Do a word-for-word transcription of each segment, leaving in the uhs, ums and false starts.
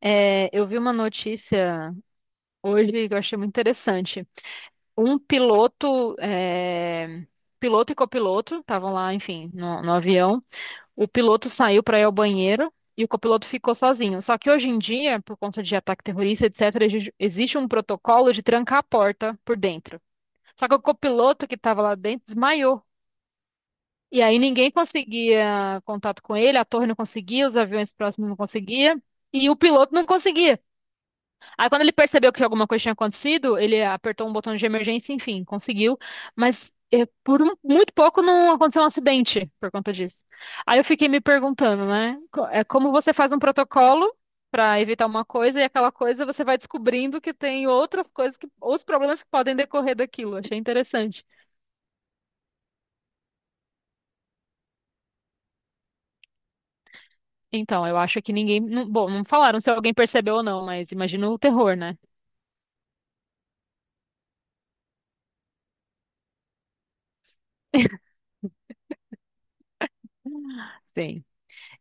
É, eu vi uma notícia hoje que eu achei muito interessante. Um piloto, é, piloto e copiloto estavam lá, enfim, no, no avião. O piloto saiu para ir ao banheiro e o copiloto ficou sozinho. Só que hoje em dia, por conta de ataque terrorista, etcétera, exi- existe um protocolo de trancar a porta por dentro. Só que o copiloto que estava lá dentro desmaiou. E aí ninguém conseguia contato com ele, a torre não conseguia, os aviões próximos não conseguiam, e o piloto não conseguia. Aí quando ele percebeu que alguma coisa tinha acontecido, ele apertou um botão de emergência, enfim, conseguiu. Mas eh, por um- muito pouco não aconteceu um acidente por conta disso. Aí eu fiquei me perguntando, né? co- É como você faz um protocolo para evitar uma coisa e aquela coisa você vai descobrindo que tem outras coisas que, ou os problemas que podem decorrer daquilo. Achei interessante. Então, eu acho que ninguém, não- bom, não falaram se alguém percebeu ou não, mas imagina o terror, né? Sim.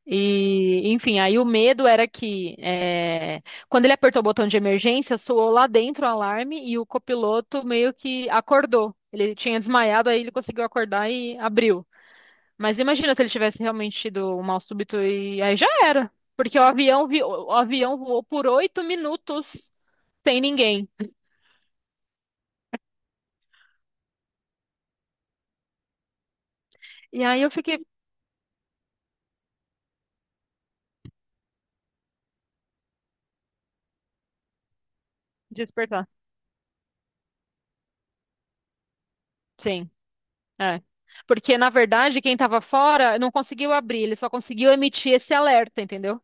E, enfim, aí o medo era que eh, quando ele apertou o botão de emergência, soou lá dentro o alarme e o copiloto meio que acordou. Ele tinha desmaiado, aí ele conseguiu acordar e abriu. Mas imagina se ele tivesse realmente tido um mal súbito e aí já era. Porque o avião, vi- o avião voou por oito minutos sem ninguém. E aí eu fiquei despertar. Sim, é. Porque, na verdade, quem estava fora não conseguiu abrir, ele só conseguiu emitir esse alerta, entendeu?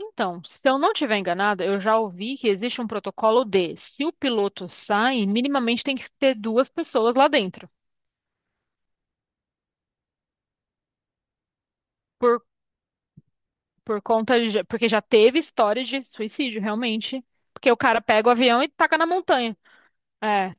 Então, se eu não estiver enganada, eu já ouvi que existe um protocolo de, se o piloto sai, minimamente tem que ter duas pessoas lá dentro. Por, por conta de, porque já teve história de suicídio, realmente. Porque o cara pega o avião e taca na montanha. É,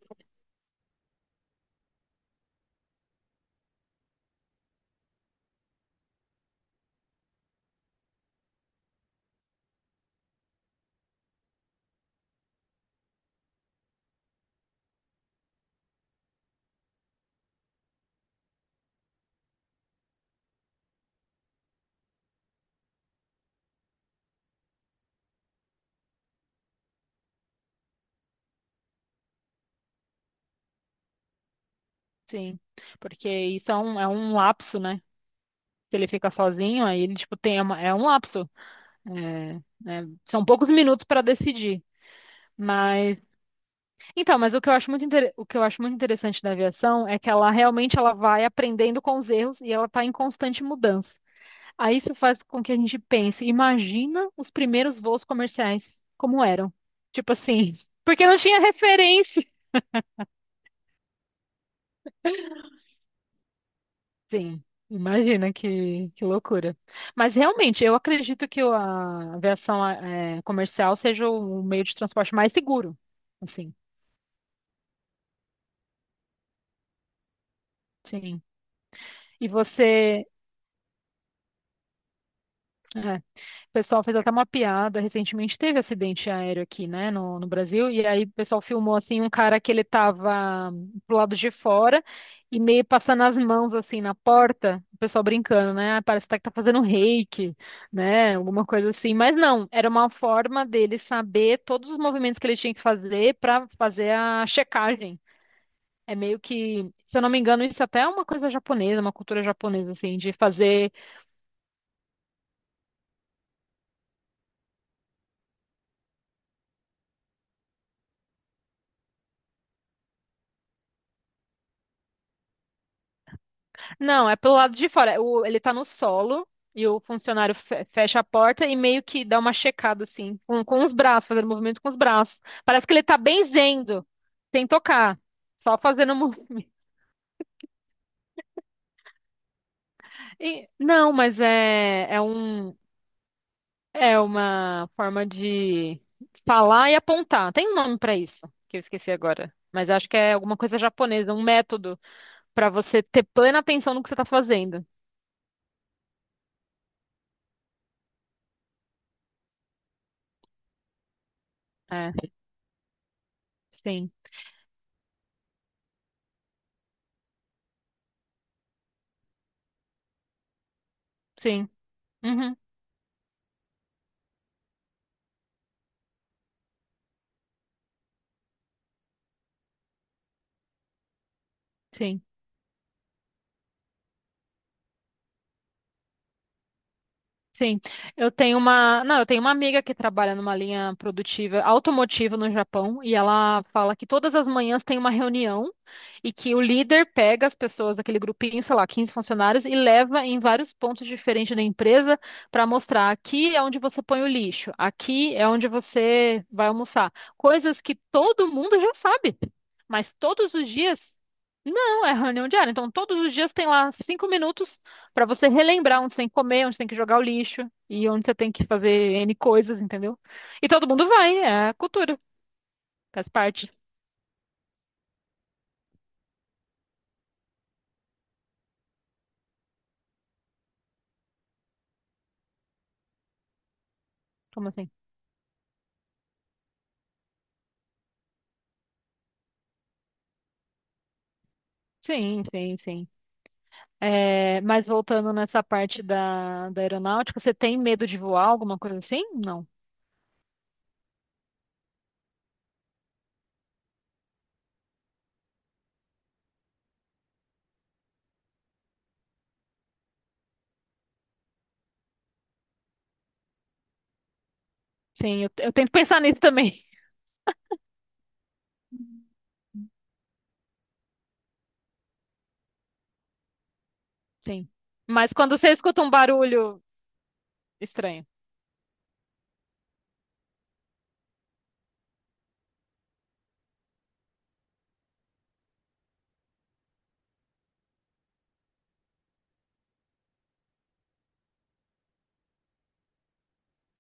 sim. Porque isso é um, é um, lapso, né? Se ele fica sozinho, aí ele, tipo, tem uma, é um lapso. É, né? São poucos minutos para decidir. Mas Então, mas o que eu acho muito inter- o que eu acho muito interessante da aviação é que ela realmente ela vai aprendendo com os erros e ela está em constante mudança. Aí isso faz com que a gente pense, imagina os primeiros voos comerciais, como eram? Tipo assim, porque não tinha referência. Sim, imagina que, que loucura. Mas realmente, eu acredito que o- a aviação eh, comercial seja o meio de transporte mais seguro. Assim, sim. E você. é, O pessoal fez até uma piada. Recentemente teve acidente aéreo aqui, né, no, no Brasil. E aí o pessoal filmou assim um cara que ele tava pro lado de fora e meio passando as mãos assim na porta. O pessoal brincando, né? "Ah, parece até que tá fazendo reiki, né? Alguma coisa assim." Mas não, era uma forma dele saber todos os movimentos que ele tinha que fazer para fazer a checagem. É meio que, se eu não me engano, isso até é uma coisa japonesa, uma cultura japonesa, assim, de fazer. Não, é pelo lado de fora. O- ele tá no solo e o funcionário fe- fecha a porta e meio que dá uma checada, assim, com, com os braços, fazendo movimento com os braços. Parece que ele tá benzendo, sem tocar, só fazendo movimento. E- não, mas é, é um, é uma forma de falar e apontar. Tem um nome pra isso, que eu esqueci agora. Mas acho que é alguma coisa japonesa, um método pra você ter plena atenção no que você tá fazendo. É, sim, sim. Uhum, sim. Sim, eu tenho uma, não, eu tenho uma amiga que trabalha numa linha produtiva automotiva no Japão e ela fala que todas as manhãs tem uma reunião e que o líder pega as pessoas daquele grupinho, sei lá, quinze funcionários e leva em vários pontos diferentes da empresa para mostrar aqui é onde você põe o lixo, aqui é onde você vai almoçar, coisas que todo mundo já sabe, mas todos os dias não, é reunião diária, então todos os dias tem lá cinco minutos para você relembrar onde você tem que comer, onde você tem que jogar o lixo e onde você tem que fazer N coisas, entendeu? E todo mundo vai, é a cultura, faz parte. Como assim? Sim, sim, sim. É, mas voltando nessa parte da, da aeronáutica, você tem medo de voar, alguma coisa assim? Não. Sim, eu, eu tento pensar nisso também. Sim. Mas quando você escuta um barulho estranho,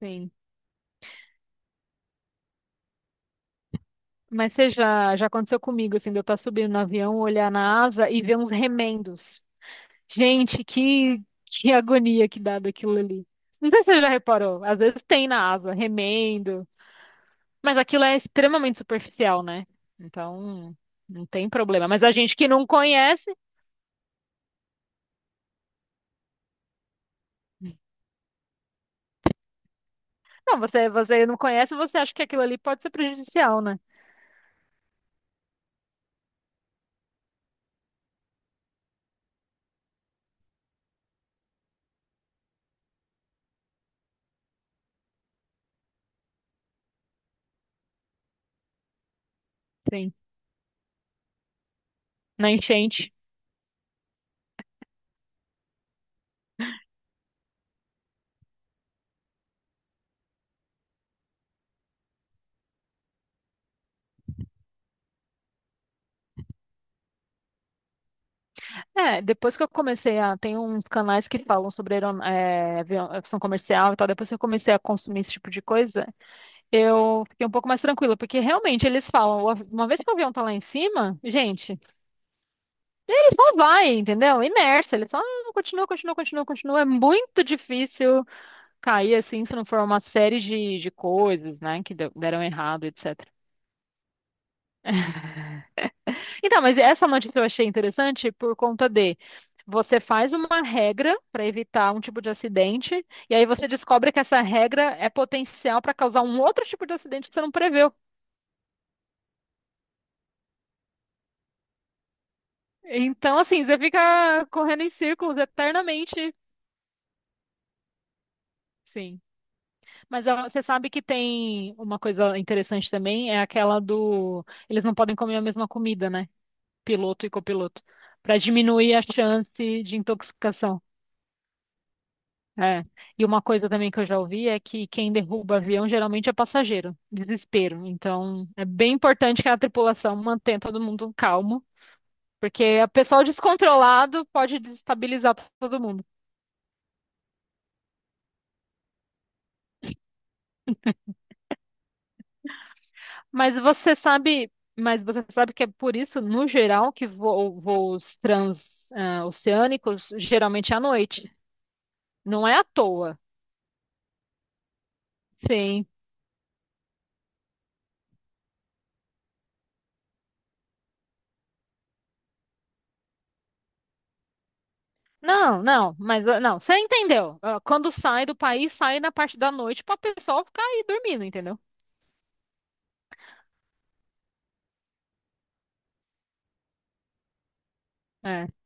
sim. Mas você já, já aconteceu comigo, assim, de eu estar subindo no avião, olhar na asa e ver uns remendos. Gente, que, que agonia que dá daquilo ali. Não sei se você já reparou, às vezes tem na asa, remendo, mas aquilo é extremamente superficial, né? Então, não tem problema. Mas a gente que não conhece, não, você, você não conhece, você acha que aquilo ali pode ser prejudicial, né? Sim, na enchente. É, depois que eu comecei a. Tem uns canais que falam sobre aeron- é, avião- aviação comercial e tal. Depois que eu comecei a consumir esse tipo de coisa, eu fiquei um pouco mais tranquila, porque realmente eles falam, o av- uma vez que o avião tá lá em cima, gente, ele só vai, entendeu? Inércia, ele só ah, continua, continua, continua, continua. É muito difícil cair assim, se não for uma série de, de coisas, né, que deu- deram errado, etcétera. Então, mas essa notícia eu achei interessante por conta de você faz uma regra para evitar um tipo de acidente, e aí você descobre que essa regra é potencial para causar um outro tipo de acidente que você não preveu. Então, assim, você fica correndo em círculos eternamente. Sim. Mas ó, você sabe que tem uma coisa interessante também, é aquela do. Eles não podem comer a mesma comida, né? Piloto e copiloto. Para diminuir a chance de intoxicação. É. E uma coisa também que eu já ouvi é que quem derruba avião geralmente é passageiro. Desespero. Então, é bem importante que a tripulação mantenha todo mundo calmo, porque o pessoal descontrolado pode desestabilizar todo mundo. Mas você sabe, mas você sabe que é por isso, no geral, que vo- voos transoceânicos geralmente é à noite. Não é à toa. Sim. Não, não, mas ah, não, você entendeu. Ah, quando sai do país, sai na parte da noite para o pessoal ficar aí dormindo, entendeu? É.